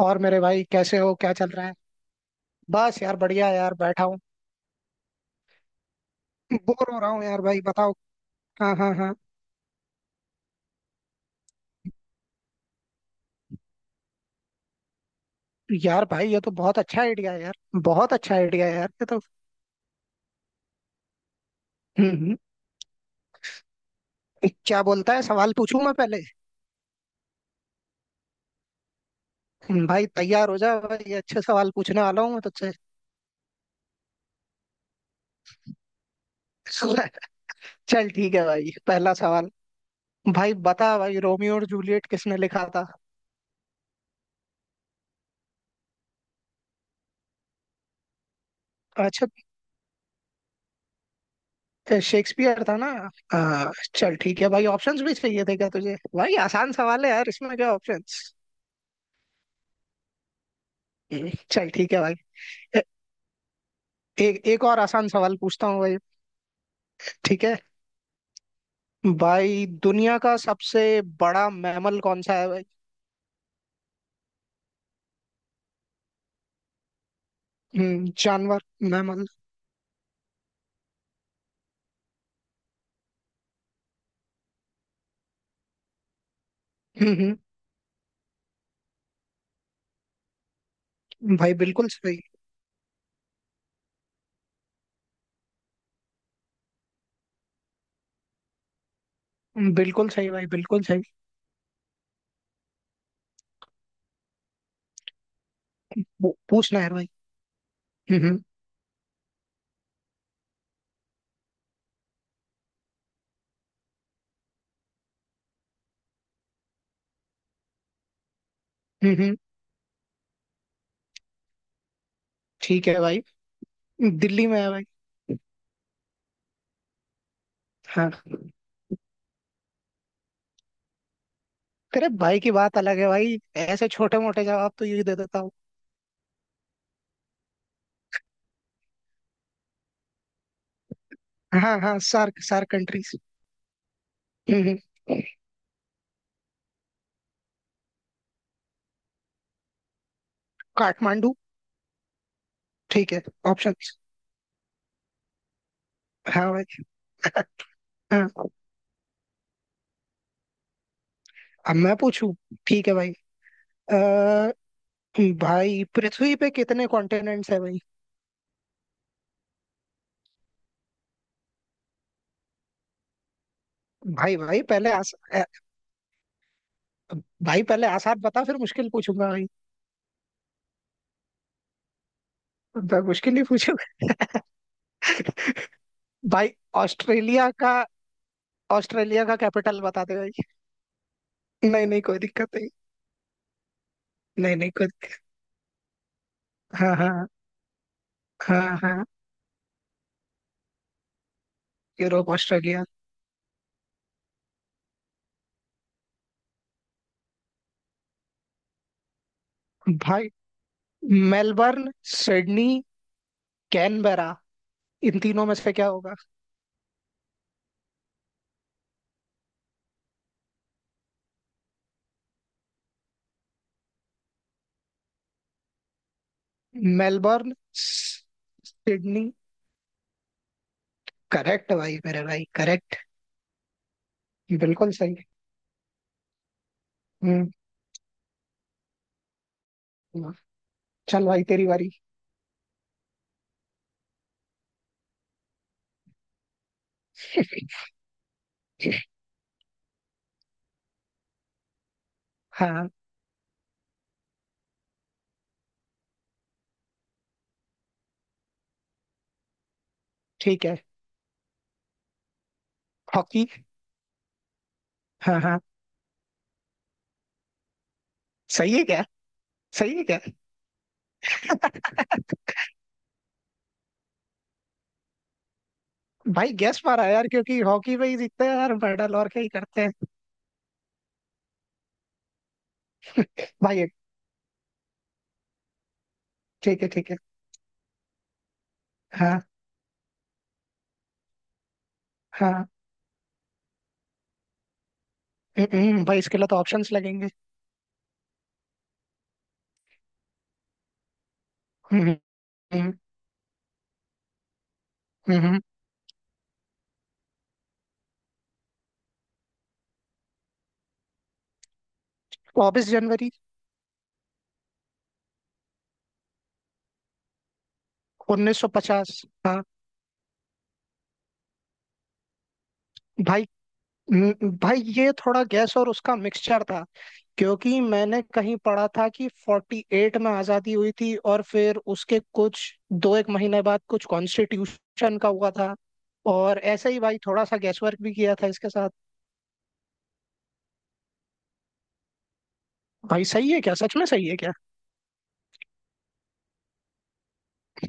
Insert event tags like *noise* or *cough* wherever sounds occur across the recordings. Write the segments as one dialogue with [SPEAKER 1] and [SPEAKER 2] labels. [SPEAKER 1] और मेरे भाई कैसे हो? क्या चल रहा है? बस यार बढ़िया यार बैठा हूँ। बोर हो रहा हूँ यार, भाई बताओ। हाँ हाँ हाँ। यार भाई ये तो बहुत अच्छा आइडिया है यार। बहुत अच्छा आइडिया है यार ये तो। हम्म हम्म। क्या बोलता है, सवाल पूछूं मैं पहले? भाई तैयार हो जा भाई, अच्छे सवाल पूछने वाला हूँ मैं तुझसे। *laughs* चल ठीक है भाई, पहला सवाल। भाई बता भाई, रोमियो और जूलियट किसने लिखा था? अच्छा, शेक्सपियर था ना। चल ठीक है भाई, ऑप्शंस भी चाहिए थे क्या तुझे भाई? आसान सवाल है यार, इसमें क्या ऑप्शंस। चल ठीक है भाई। ए, एक एक और आसान सवाल पूछता हूँ भाई। ठीक है भाई, दुनिया का सबसे बड़ा मैमल कौन सा है भाई? जानवर, मैमल। हम्म भाई बिल्कुल सही। बिल्कुल सही भाई, बिल्कुल सही। पूछना है भाई। हम्म हम्म। ठीक है भाई। दिल्ली में है भाई। हाँ। अरे भाई की बात अलग है भाई, ऐसे छोटे मोटे जवाब तो यही दे देता हूँ। हाँ हाँ, सार्क सार्क कंट्रीज। हम्म। काठमांडू। ठीक है, ऑप्शंस। हाँ भाई। *laughs* हाँ। अब मैं पूछूं? ठीक है भाई। अ, भाई पृथ्वी पे कितने कॉन्टिनेंट्स है भाई? भाई भाई पहले आस अ, भाई पहले आसान बता फिर मुश्किल पूछूंगा भाई। तो मुश्किल ही पूछूंगा। *laughs* भाई, ऑस्ट्रेलिया का, ऑस्ट्रेलिया का कैपिटल बता दे भाई। नहीं नहीं कोई दिक्कत नहीं। नहीं नहीं कोई दिक्कत- हाँ हाँ हाँ हाँ। Europe Australia. भाई मेलबर्न, सिडनी, कैनबरा, इन तीनों में से क्या होगा? Melbourne Sydney. करेक्ट भाई मेरे भाई करेक्ट। बिल्कुल सही। हम्म। हम्म, चल भाई तेरी बारी। हाँ। ठीक है। हॉकी। हाँ हाँ। सही है क्या? सही है क्या? भाई गेस मारा यार क्योंकि हॉकी में ही जीतते हैं यार मेडल, और क्या ही करते हैं। भाई ये- ठीक है ठीक है। हाँ हाँ। भाई इसके लिए तो ऑप्शंस लगेंगे। हम्म हम्म हम्म। हम्म। चौबीस जनवरी उन्नीस सौ पचास। हाँ भाई। भाई ये थोड़ा गैस और उसका मिक्सचर था, क्योंकि मैंने कहीं पढ़ा था कि 48 में आजादी हुई थी और फिर उसके कुछ दो एक महीने बाद कुछ कॉन्स्टिट्यूशन का हुआ था, और ऐसे ही भाई थोड़ा सा गैस वर्क भी किया था इसके साथ। भाई सही है क्या, सच में सही है क्या?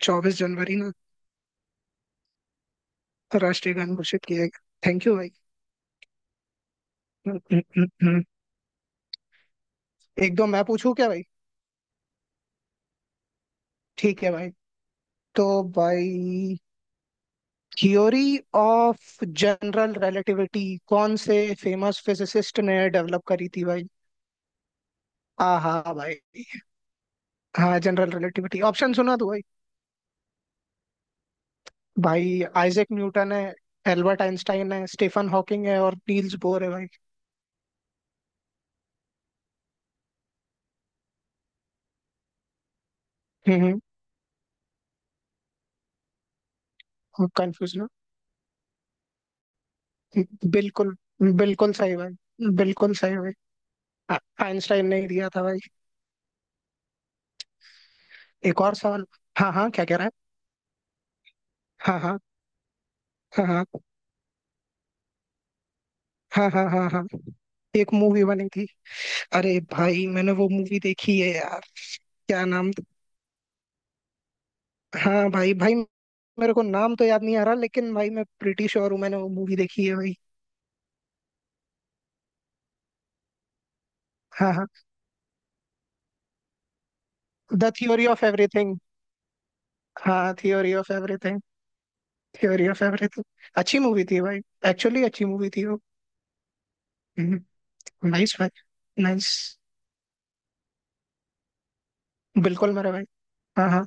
[SPEAKER 1] चौबीस जनवरी ना। राष्ट्रीय गान घोषित किया गया। थैंक यू भाई। हम्म, हम्म, हम्म। एक दो मैं पूछूं क्या भाई? ठीक है भाई। तो भाई, थ्योरी ऑफ जनरल रिलेटिविटी कौन से फेमस फिजिसिस्ट ने डेवलप करी थी भाई? आहा भाई। हाँ, जनरल रिलेटिविटी ऑप्शन सुना तो भाई। भाई आइजैक न्यूटन है, एल्बर्ट आइंस्टाइन है, स्टीफन हॉकिंग है और नील्स बोर है भाई। हम्म। कंफ्यूज ना। बिल्कुल। बिल्कुल सही भाई, बिल्कुल सही भाई। आ- आइंस्टाइन ने ही दिया था भाई। एक और सवाल। हाँ हाँ, क्या कह रहा है? हाँ हाँ। हाँ हाँ। हाँ हाँ हाँ हाँ। एक मूवी बनी थी। अरे भाई मैंने वो मूवी देखी है यार। क्या नाम था? हाँ भाई भाई, मेरे को नाम तो याद नहीं आ रहा लेकिन भाई मैं प्रिटी श्योर हूँ मैंने वो मूवी देखी है भाई। हाँ हाँ। The theory of everything. हाँ theory of everything. Theory of everything. अच्छी मूवी थी भाई। एक्चुअली अच्छी मूवी थी वो। नाइस भाई, नाइस। बिल्कुल मेरा भाई। हाँ हाँ।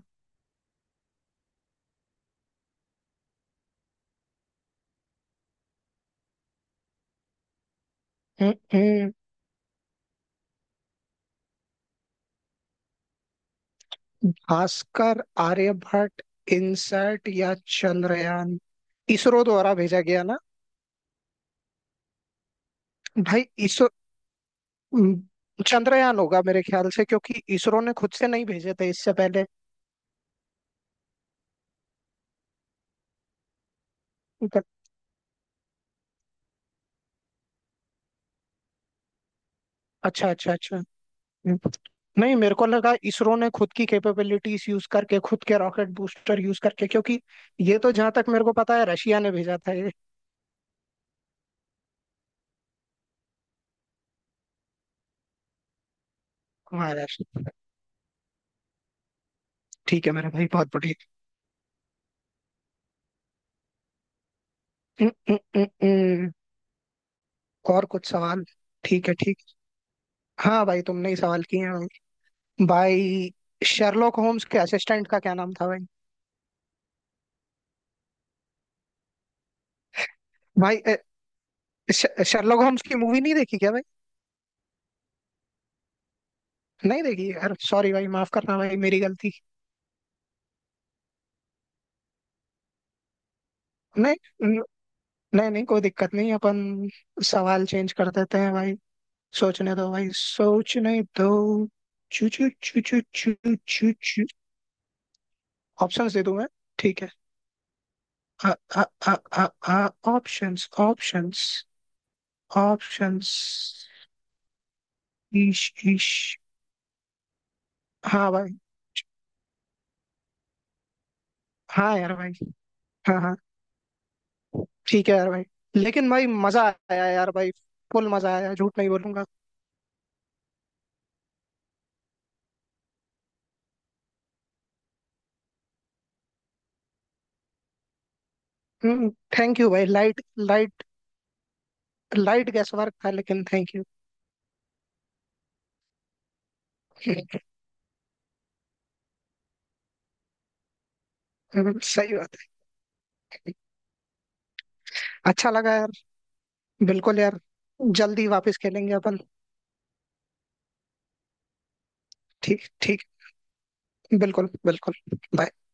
[SPEAKER 1] हम्म, हम्म। भास्कर, आर्यभट्ट, इनसैट या चंद्रयान। इसरो द्वारा भेजा गया ना? भाई इसरो, चंद्रयान होगा मेरे ख्याल से, क्योंकि इसरो ने खुद से नहीं भेजे थे इससे पहले। अच्छा अच्छा अच्छा। नहीं, मेरे को लगा इसरो ने खुद की कैपेबिलिटीज यूज करके, खुद के रॉकेट बूस्टर यूज करके, क्योंकि ये तो जहां तक मेरे को पता है रशिया ने भेजा था ये। हाँ रशिया। ठीक है मेरे भाई, बहुत बढ़िया। उम, उम, उम, उम। और कुछ सवाल ठीक है ठीक है। हाँ भाई तुमने ही सवाल किए हैं भाई। भाई शर्लॉक होम्स के असिस्टेंट का क्या नाम था भाई? भाई शर्लॉक होम्स की मूवी नहीं देखी क्या भाई? नहीं देखी यार, सॉरी भाई माफ करना भाई मेरी गलती। नहीं नहीं नहीं कोई दिक्कत नहीं, अपन सवाल चेंज कर देते हैं भाई। सोचने दो भाई, सोचने दो। चू चू चू चू चू चू चू। ऑप्शंस दे दूं मैं? ठीक है। आ आ आ आ आ ऑप्शंस ऑप्शंस ऑप्शंस। ईश ईश। हाँ भाई। हाँ यार भाई। हाँ हाँ। ठीक है यार भाई, लेकिन भाई मजा आया यार भाई, फुल मजा आया, झूठ नहीं बोलूंगा। हम्म थैंक यू भाई, light light, light guesswork था, लेकिन थैंक यू। *laughs* सही बात है। अच्छा लगा यार। बिल्कुल यार। जल्दी वापस खेलेंगे अपन। ठीक ठीक। बिल्कुल बिल्कुल। Bye.